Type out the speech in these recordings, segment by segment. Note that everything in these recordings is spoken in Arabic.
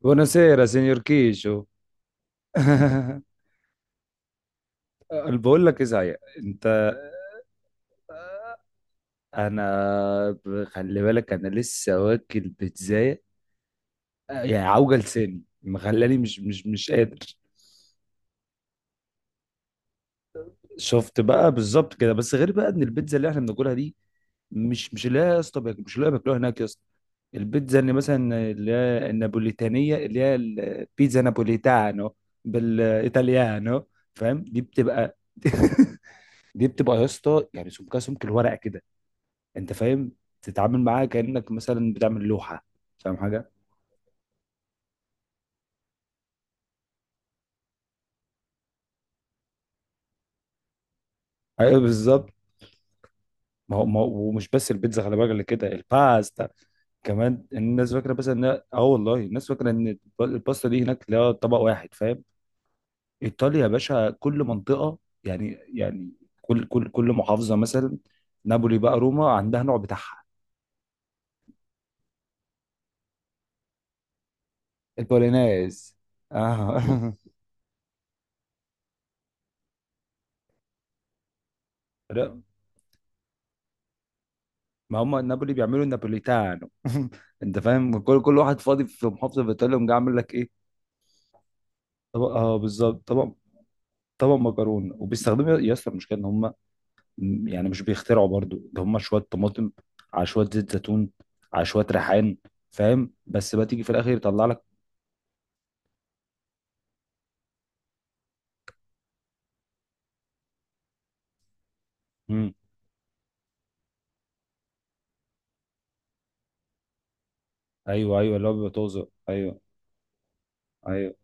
بوناسيرا سينيور كيشو أنا بقول لك ايه صحيح. انت خلي بالك انا لسه واكل بيتزاية. يعني عوجة لساني مخلاني مش قادر. شفت بقى بالظبط كده بس غير بقى ان البيتزا اللي احنا بناكلها دي مش لا يا اسطى مش لا بياكلوها هناك يا اسطى. البيتزا اللي مثلا اللي هي النابوليتانية اللي هي البيتزا نابوليتانو بالايطاليانو فاهم؟ دي بتبقى دي بتبقى يا اسطى يعني سمكها سمك الورقه كده. انت فاهم؟ تتعامل معاها كانك مثلا بتعمل لوحه. فاهم حاجه؟ ايوه بالظبط. ما هو ومش بس البيتزا خلي بالك اللي كده الباستا كمان. الناس فاكره بس ان اه والله الناس فاكره ان الباستا دي هناك لا طبق واحد فاهم. ايطاليا يا باشا كل منطقه. يعني يعني كل محافظه مثلا نابولي بقى روما عندها نوع بتاعها. البولينيز اه. ما هم النابولي بيعملوا النابوليتانو انت فاهم؟ كل واحد فاضي في محافظه في ايطاليا ومجي عامل لك ايه طبق. اه بالظبط طبق. طبق مكرونه وبيستخدموا يا اسطى المشكله ان هم يعني مش بيخترعوا برضو ده. هم شويه طماطم على شويه زيت زيتون على شويه ريحان فاهم. بس بقى تيجي في الاخر يطلع لك. امم. ايوه ايوه اللي هو بيبقى طازه. ايوه ايوه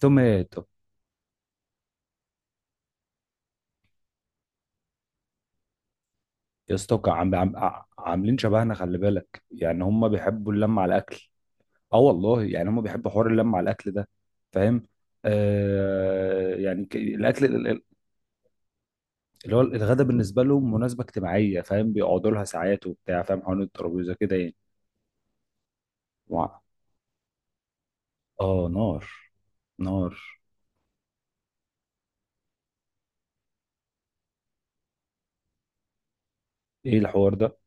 توماتو. يا اسطى عاملين شبهنا خلي بالك يعني هم بيحبوا اللمه على الاكل. اه والله يعني هم بيحبوا حوار اللمه على الاكل ده فاهم. يعني الاكل اللي هو الغدا بالنسبه لهم مناسبه اجتماعيه فاهم بيقعدوا لها ساعات وبتاع فاهم حوالين الترابيزه كده يعني. وع- اه نار نار. ايه الحوار ده؟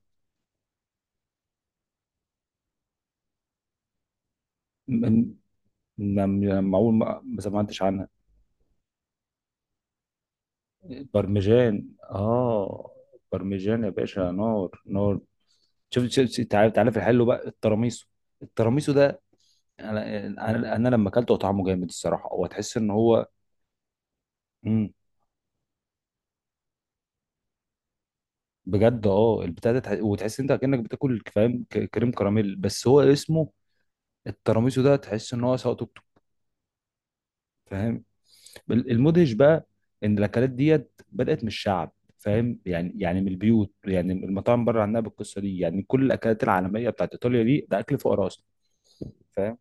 م- م- اول ما سمعتش عنها. برمجان اه. برمجان يا باشا نار نار. شوف شوف شوف، تعالى تعالى في الحلو بقى التراميسو. التراميسو ده انا انا أنا لما اكلته طعمه جامد الصراحه هو تحس ان هو مم. بجد اه البتاع ده وتحس انت كانك بتاكل فاهم كريم كراميل بس هو اسمه التراميسو ده تحس ان هو سواء توك فاهم. المدهش بقى ان الاكلات ديت بدات من الشعب فاهم يعني من البيوت يعني المطاعم بره عنها بالقصه دي يعني كل الاكلات العالميه بتاعت ايطاليا دي ده اكل فقراء اصلا فاهم.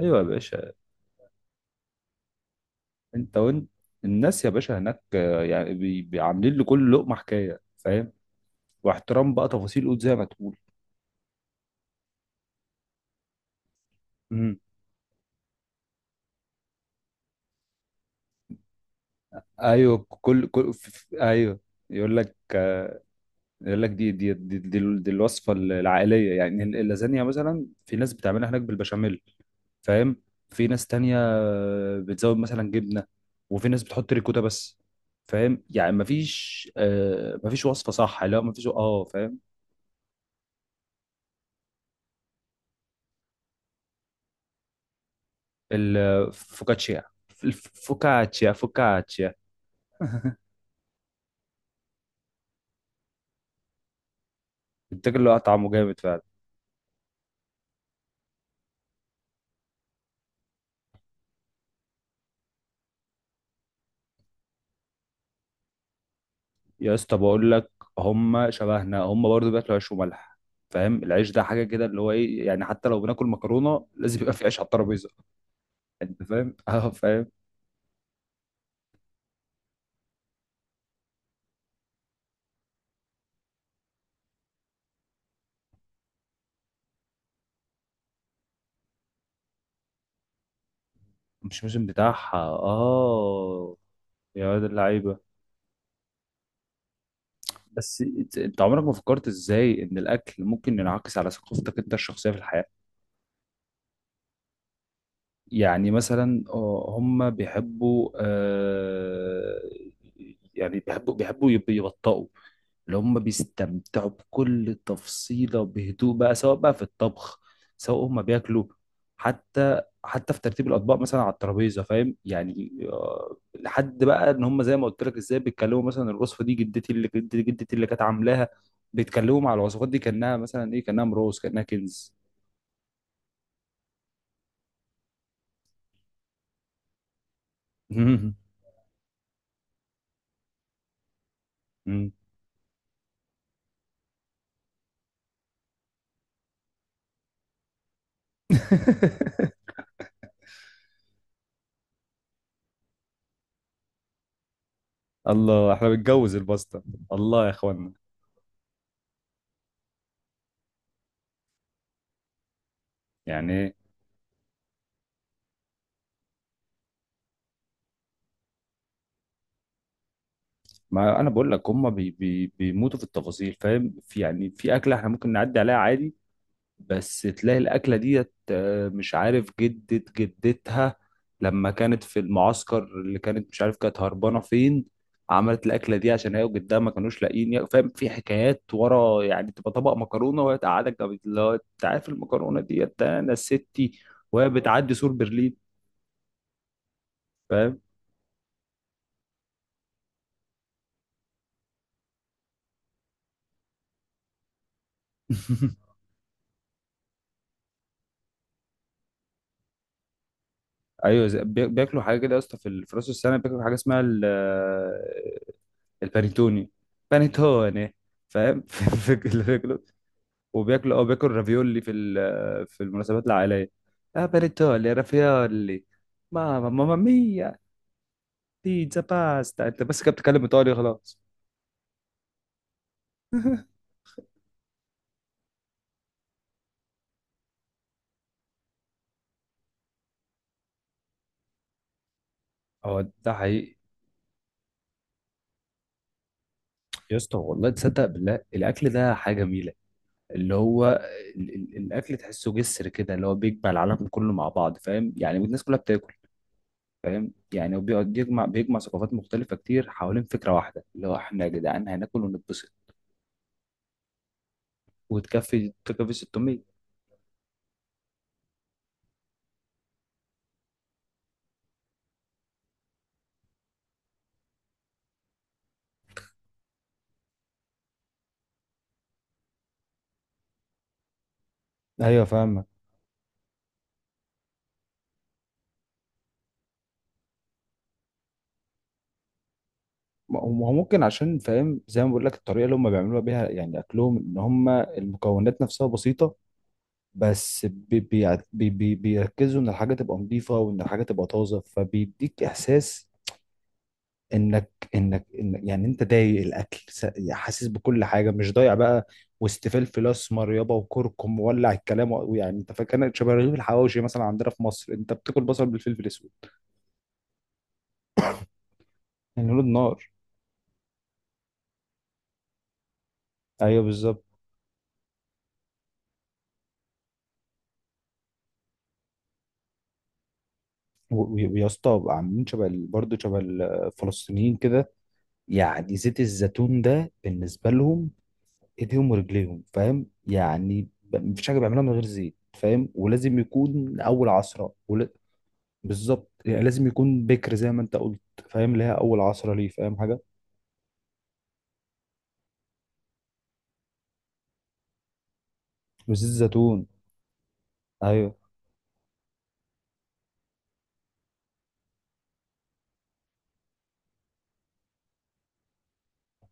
ايوه يا باشا. انت وانت الناس يا باشا هناك، يعني عاملين لكل لقمه حكايه فاهم. واحترام بقى تفاصيل قد زي ما تقول. امم ايوه كل ايوه. يقول لك، يقول لك دي دي, الوصفه العائليه. يعني اللازانيا مثلا في ناس بتعملها هناك بالبشاميل فاهم. في ناس تانية بتزود مثلا جبنة. وفي ناس بتحط ريكوتا بس فاهم. يعني مفيش مفيش وصفة صح لا مفيش اه فاهم. الفوكاتشيا الفوكاتشيا فوكاتشيا. التاجر اللي هو طعمه جامد فعلا. يا اسطى بقول لك هم شبهنا هم برضو بياكلوا عيش وملح فاهم. العيش ده حاجة كده اللي هو ايه يعني حتى لو بناكل مكرونة لازم يبقى في عيش على الترابيزة. يعني انت فاهم اه فاهم. مش موسم بتاعها اه. يا واد اللعيبة. بس انت عمرك ما فكرت ازاي ان الاكل ممكن ينعكس على ثقافتك انت الشخصيه في الحياه؟ يعني مثلا، هم بيحبوا، يعني بيحبوا يبطئوا. اللي هم بيستمتعوا بكل تفصيلة بهدوء بقى سواء بقى في الطبخ سواء هم بياكلوا. حتى في ترتيب الأطباق مثلا على الترابيزة فاهم يعني، لحد بقى إن هم زي ما قلت لك إزاي بيتكلموا مثلا الوصفة دي جدتي اللي كانت عاملاها. بيتكلموا مع الوصفات دي كأنها مثلا إيه كأنها مروز كأنها كنز. الله احنا بنتجوز الباستا. الله يا اخوانا. يعني ما انا بقول لك هم بي بي بيموتوا في التفاصيل فاهم في يعني في اكله احنا ممكن نعدي عليها عادي. بس تلاقي الاكله ديت، مش عارف جدة جدتها لما كانت في المعسكر اللي كانت مش عارف كانت هربانه فين. عملت الاكله دي عشان هي وجدها ما كانوش لاقيين فاهم. في حكايات ورا يعني تبقى طبق مكرونه وهي تقعدك اللي هو انت عارف المكرونه ديت ده انا ستي وهي بتعدي سور برلين فاهم. ايوه بياكلوا حاجه كده يا اسطى في في راس السنه بياكلوا حاجه اسمها البانيتوني. بانيتوني فاهم. في اللي بياكلوا وبياكلوا اه بياكلوا رافيولي في في المناسبات العائليه. اه بانيتوني رافيولي. ماما ماما ميا. بيتزا باستا انت بس كده بتتكلم ايطالي خلاص. اه ده حقيقي. يا اسطى والله تصدق بالله الاكل ده حاجه جميله. اللي هو ال ال الاكل تحسه جسر كده اللي هو بيجمع العالم كله مع بعض فاهم يعني الناس كلها بتاكل فاهم يعني. وبيقعد بيجمع ثقافات مختلفة كتير حوالين فكرة واحدة اللي هو احنا يا جدعان هناكل ونتبسط. وتكفي 600. ايوه فاهمك. ما هو ممكن عشان فاهم زي ما بقول لك الطريقة اللي هم بيعملوها بيها يعني أكلهم إن هم المكونات نفسها بسيطة. بس بيركزوا إن الحاجة تبقى نظيفة وإن الحاجة تبقى طازة فبيديك إحساس. انك إن يعني انت ضايق الاكل يعني حاسس بكل حاجه مش ضايع بقى وسط فلفل اسمر يابا وكركم وولع الكلام ويعني انت فاكر شبه رغيف الحواوشي مثلا عندنا في مصر انت بتاكل بصل بالفلفل الاسود. يعني لون النار. ايوه بالظبط. ويا اسطى عاملين شبه برضه شبه الفلسطينيين كده. يعني زيت الزيتون ده بالنسبه لهم ايديهم ورجليهم فاهم يعني مفيش حاجه بيعملوها من غير زيت فاهم ولازم يكون اول عصره. بالظبط يعني لازم يكون بكر زي ما انت قلت. فاهم اللي هي اول عصرة ليه فاهم حاجة. وزيت زيتون ايوه.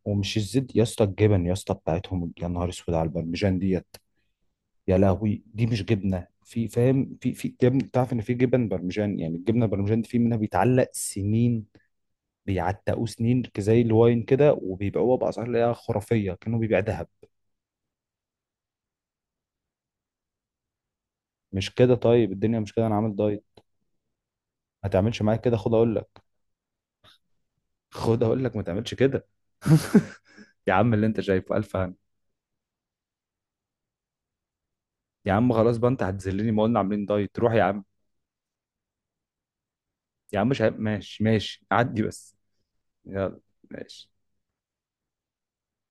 ومش الزيت يا اسطى، الجبن يا اسطى بتاعتهم، يا نهار اسود على البرمجان ديت. يا لهوي دي مش جبنة، في فاهم في في جبن تعرف ان في جبن برمجان يعني الجبنة البرمجان دي في منها بيتعلق سنين. بيعتقوه سنين زي الواين كده وبيبيعوها باسعار اللي هي خرافية كأنه بيبيع ذهب. مش كده؟ طيب الدنيا مش كده انا عامل دايت. ما تعملش معايا كده، خد اقول لك. خد اقول لك ما تعملش كده. يا عم اللي انت شايفه الف هنا. يا عم خلاص بقى، انت هتذلني، ما قلنا عاملين دايت، روح يا عم. يا عم مش عارف- ماشي ماشي عدي بس. يلا ماشي.